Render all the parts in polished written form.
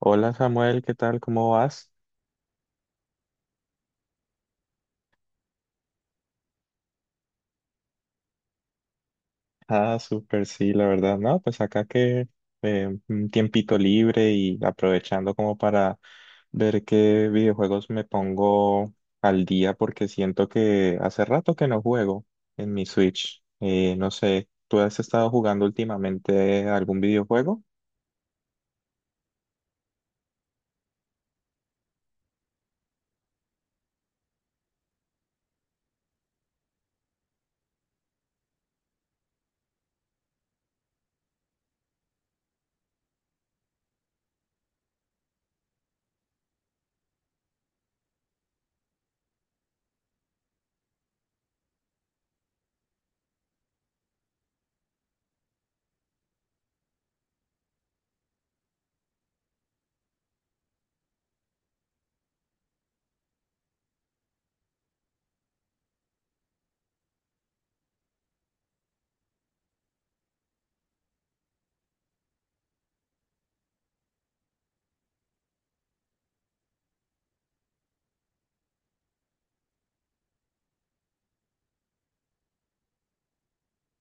Hola Samuel, ¿qué tal? ¿Cómo vas? Ah, súper, sí, la verdad, no, pues acá que un tiempito libre y aprovechando como para ver qué videojuegos me pongo al día porque siento que hace rato que no juego en mi Switch. No sé, ¿tú has estado jugando últimamente algún videojuego?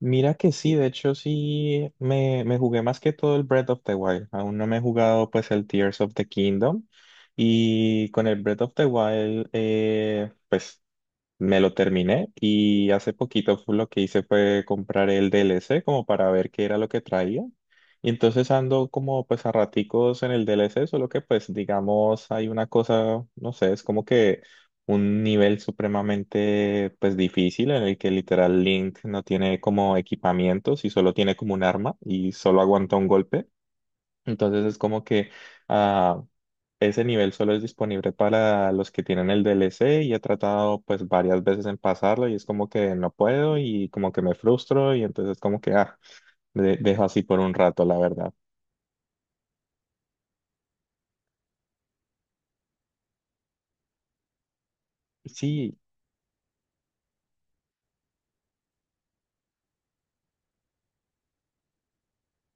Mira que sí, de hecho sí me jugué más que todo el Breath of the Wild. Aún no me he jugado pues el Tears of the Kingdom. Y con el Breath of the Wild, pues me lo terminé y hace poquito lo que hice fue comprar el DLC como para ver qué era lo que traía. Y entonces ando como pues a raticos en el DLC, solo que pues digamos hay una cosa, no sé, es como que un nivel supremamente pues difícil en el que literal Link no tiene como equipamientos y solo tiene como un arma y solo aguanta un golpe. Entonces es como que. Ah, ese nivel solo es disponible para los que tienen el DLC y he tratado pues varias veces en pasarlo y es como que no puedo y como que me frustro y entonces como que dejo así por un rato, la verdad. Sí,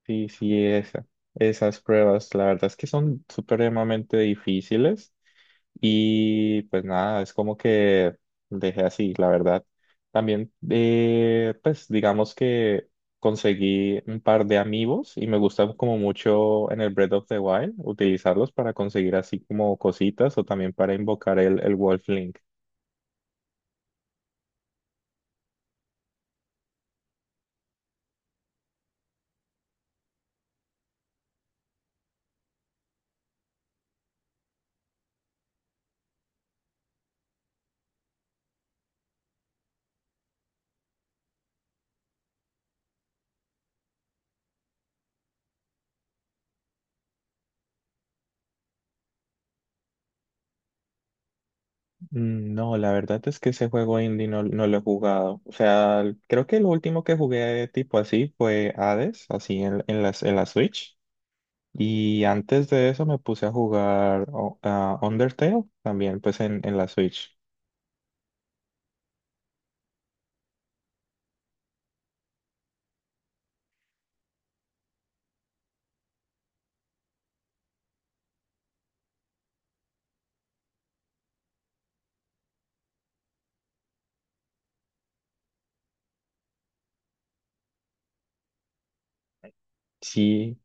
sí, sí, esas pruebas, la verdad es que son supremamente difíciles y pues nada, es como que dejé así, la verdad. También, pues digamos que conseguí un par de amigos y me gusta como mucho en el Breath of the Wild utilizarlos para conseguir así como cositas o también para invocar el Wolf Link. Mm, no, la verdad es que ese juego indie no, no lo he jugado. O sea, creo que lo último que jugué tipo así fue Hades, así en la Switch. Y antes de eso me puse a jugar a Undertale también, pues en la Switch. Sí,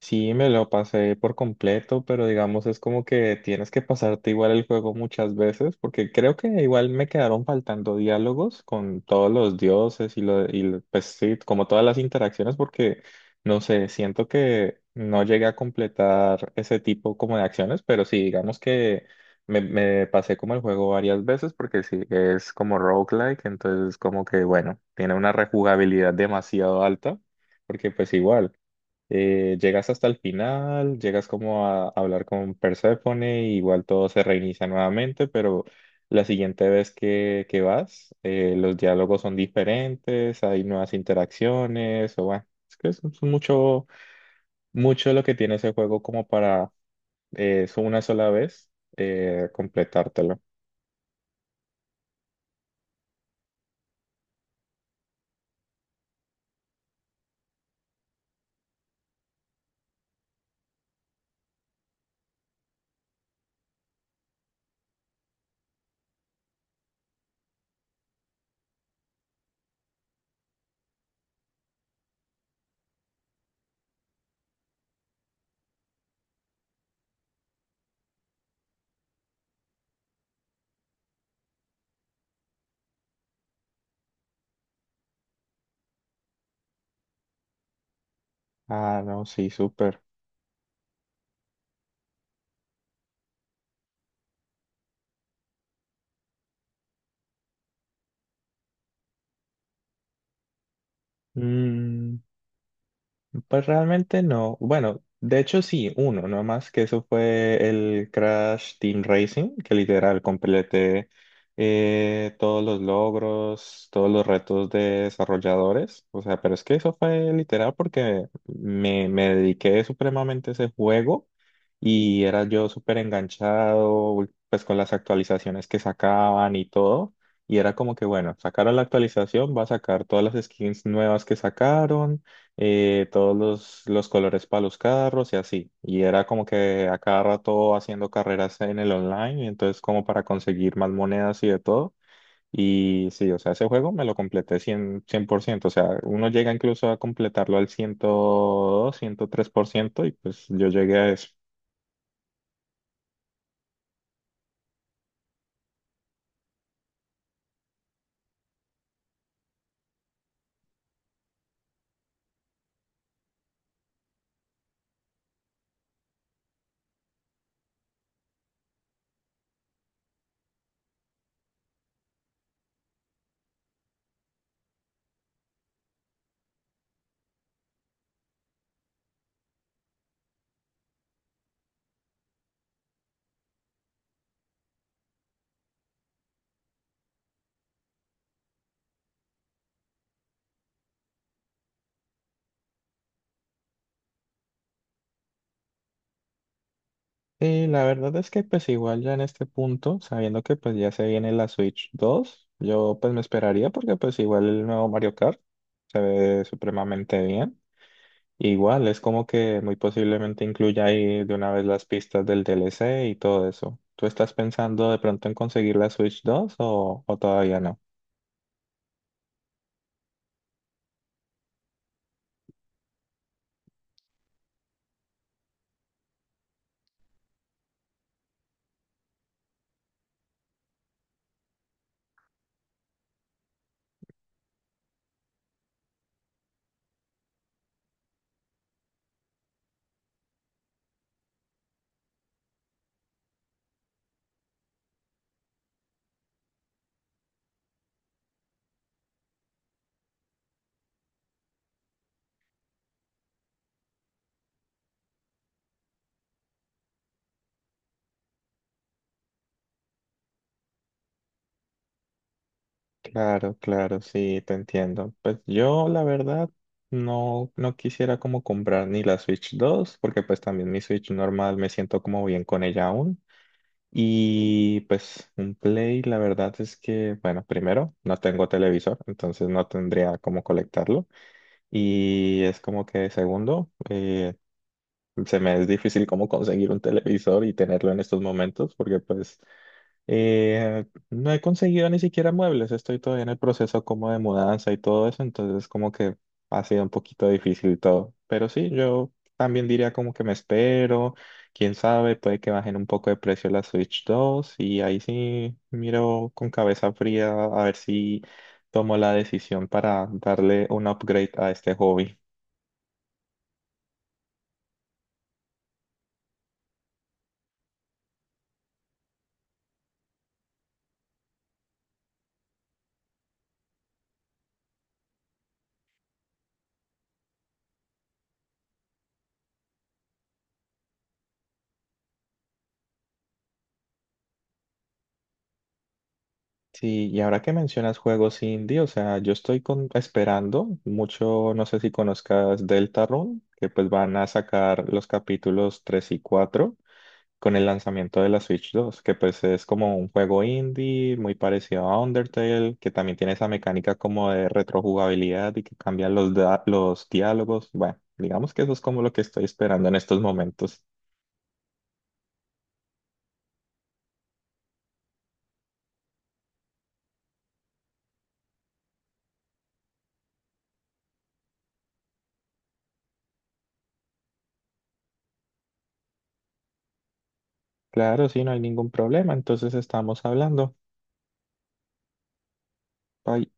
sí, me lo pasé por completo, pero digamos es como que tienes que pasarte igual el juego muchas veces, porque creo que igual me quedaron faltando diálogos con todos los dioses y pues sí, como todas las interacciones, porque no sé, siento que no llegué a completar ese tipo como de acciones, pero sí, digamos que me pasé como el juego varias veces, porque sí, es como roguelike, entonces como que bueno, tiene una rejugabilidad demasiado alta, porque pues igual llegas hasta el final, llegas como a hablar con Perséfone, y igual todo se reinicia nuevamente, pero la siguiente vez que vas, los diálogos son diferentes, hay nuevas interacciones, o bueno, es que es mucho, mucho lo que tiene ese juego como para, es una sola vez, completártelo. Ah, no, sí, súper. Pues realmente no. Bueno, de hecho sí, uno, no más que eso fue el Crash Team Racing, que literal completé todos los logros, todos los retos de desarrolladores. O sea, pero es que eso fue literal porque me dediqué supremamente a ese juego y era yo súper enganchado, pues con las actualizaciones que sacaban y todo. Y era como que, bueno, sacaron la actualización, va a sacar todas las skins nuevas que sacaron, todos los colores para los carros y así. Y era como que a cada rato haciendo carreras en el online, y entonces como para conseguir más monedas y de todo. Y sí, o sea, ese juego me lo completé cien por ciento. O sea, uno llega incluso a completarlo al ciento 102 103% y pues yo llegué a eso. Sí, la verdad es que pues igual ya en este punto, sabiendo que pues ya se viene la Switch 2, yo pues me esperaría porque pues igual el nuevo Mario Kart se ve supremamente bien. Igual, es como que muy posiblemente incluya ahí de una vez las pistas del DLC y todo eso. ¿Tú estás pensando de pronto en conseguir la Switch 2 o todavía no? Claro, claro, sí, te entiendo. Pues yo, la verdad, no, no quisiera como comprar ni la Switch 2, porque pues también mi Switch normal me siento como bien con ella aún. Y pues un Play, la verdad es que, bueno, primero, no tengo televisor, entonces no tendría cómo colectarlo. Y es como que segundo, se me es difícil como conseguir un televisor y tenerlo en estos momentos porque pues no he conseguido ni siquiera muebles, estoy todavía en el proceso como de mudanza y todo eso, entonces como que ha sido un poquito difícil todo. Pero sí, yo también diría como que me espero, quién sabe, puede que bajen un poco de precio la Switch 2 y ahí sí miro con cabeza fría a ver si tomo la decisión para darle un upgrade a este hobby. Sí, y ahora que mencionas juegos indie, o sea, yo estoy esperando mucho, no sé si conozcas Deltarune, que pues van a sacar los capítulos 3 y 4 con el lanzamiento de la Switch 2, que pues es como un juego indie muy parecido a Undertale, que también tiene esa mecánica como de retrojugabilidad y que cambian los diálogos. Bueno, digamos que eso es como lo que estoy esperando en estos momentos. Claro, sí, no hay ningún problema, entonces estamos hablando. Bye.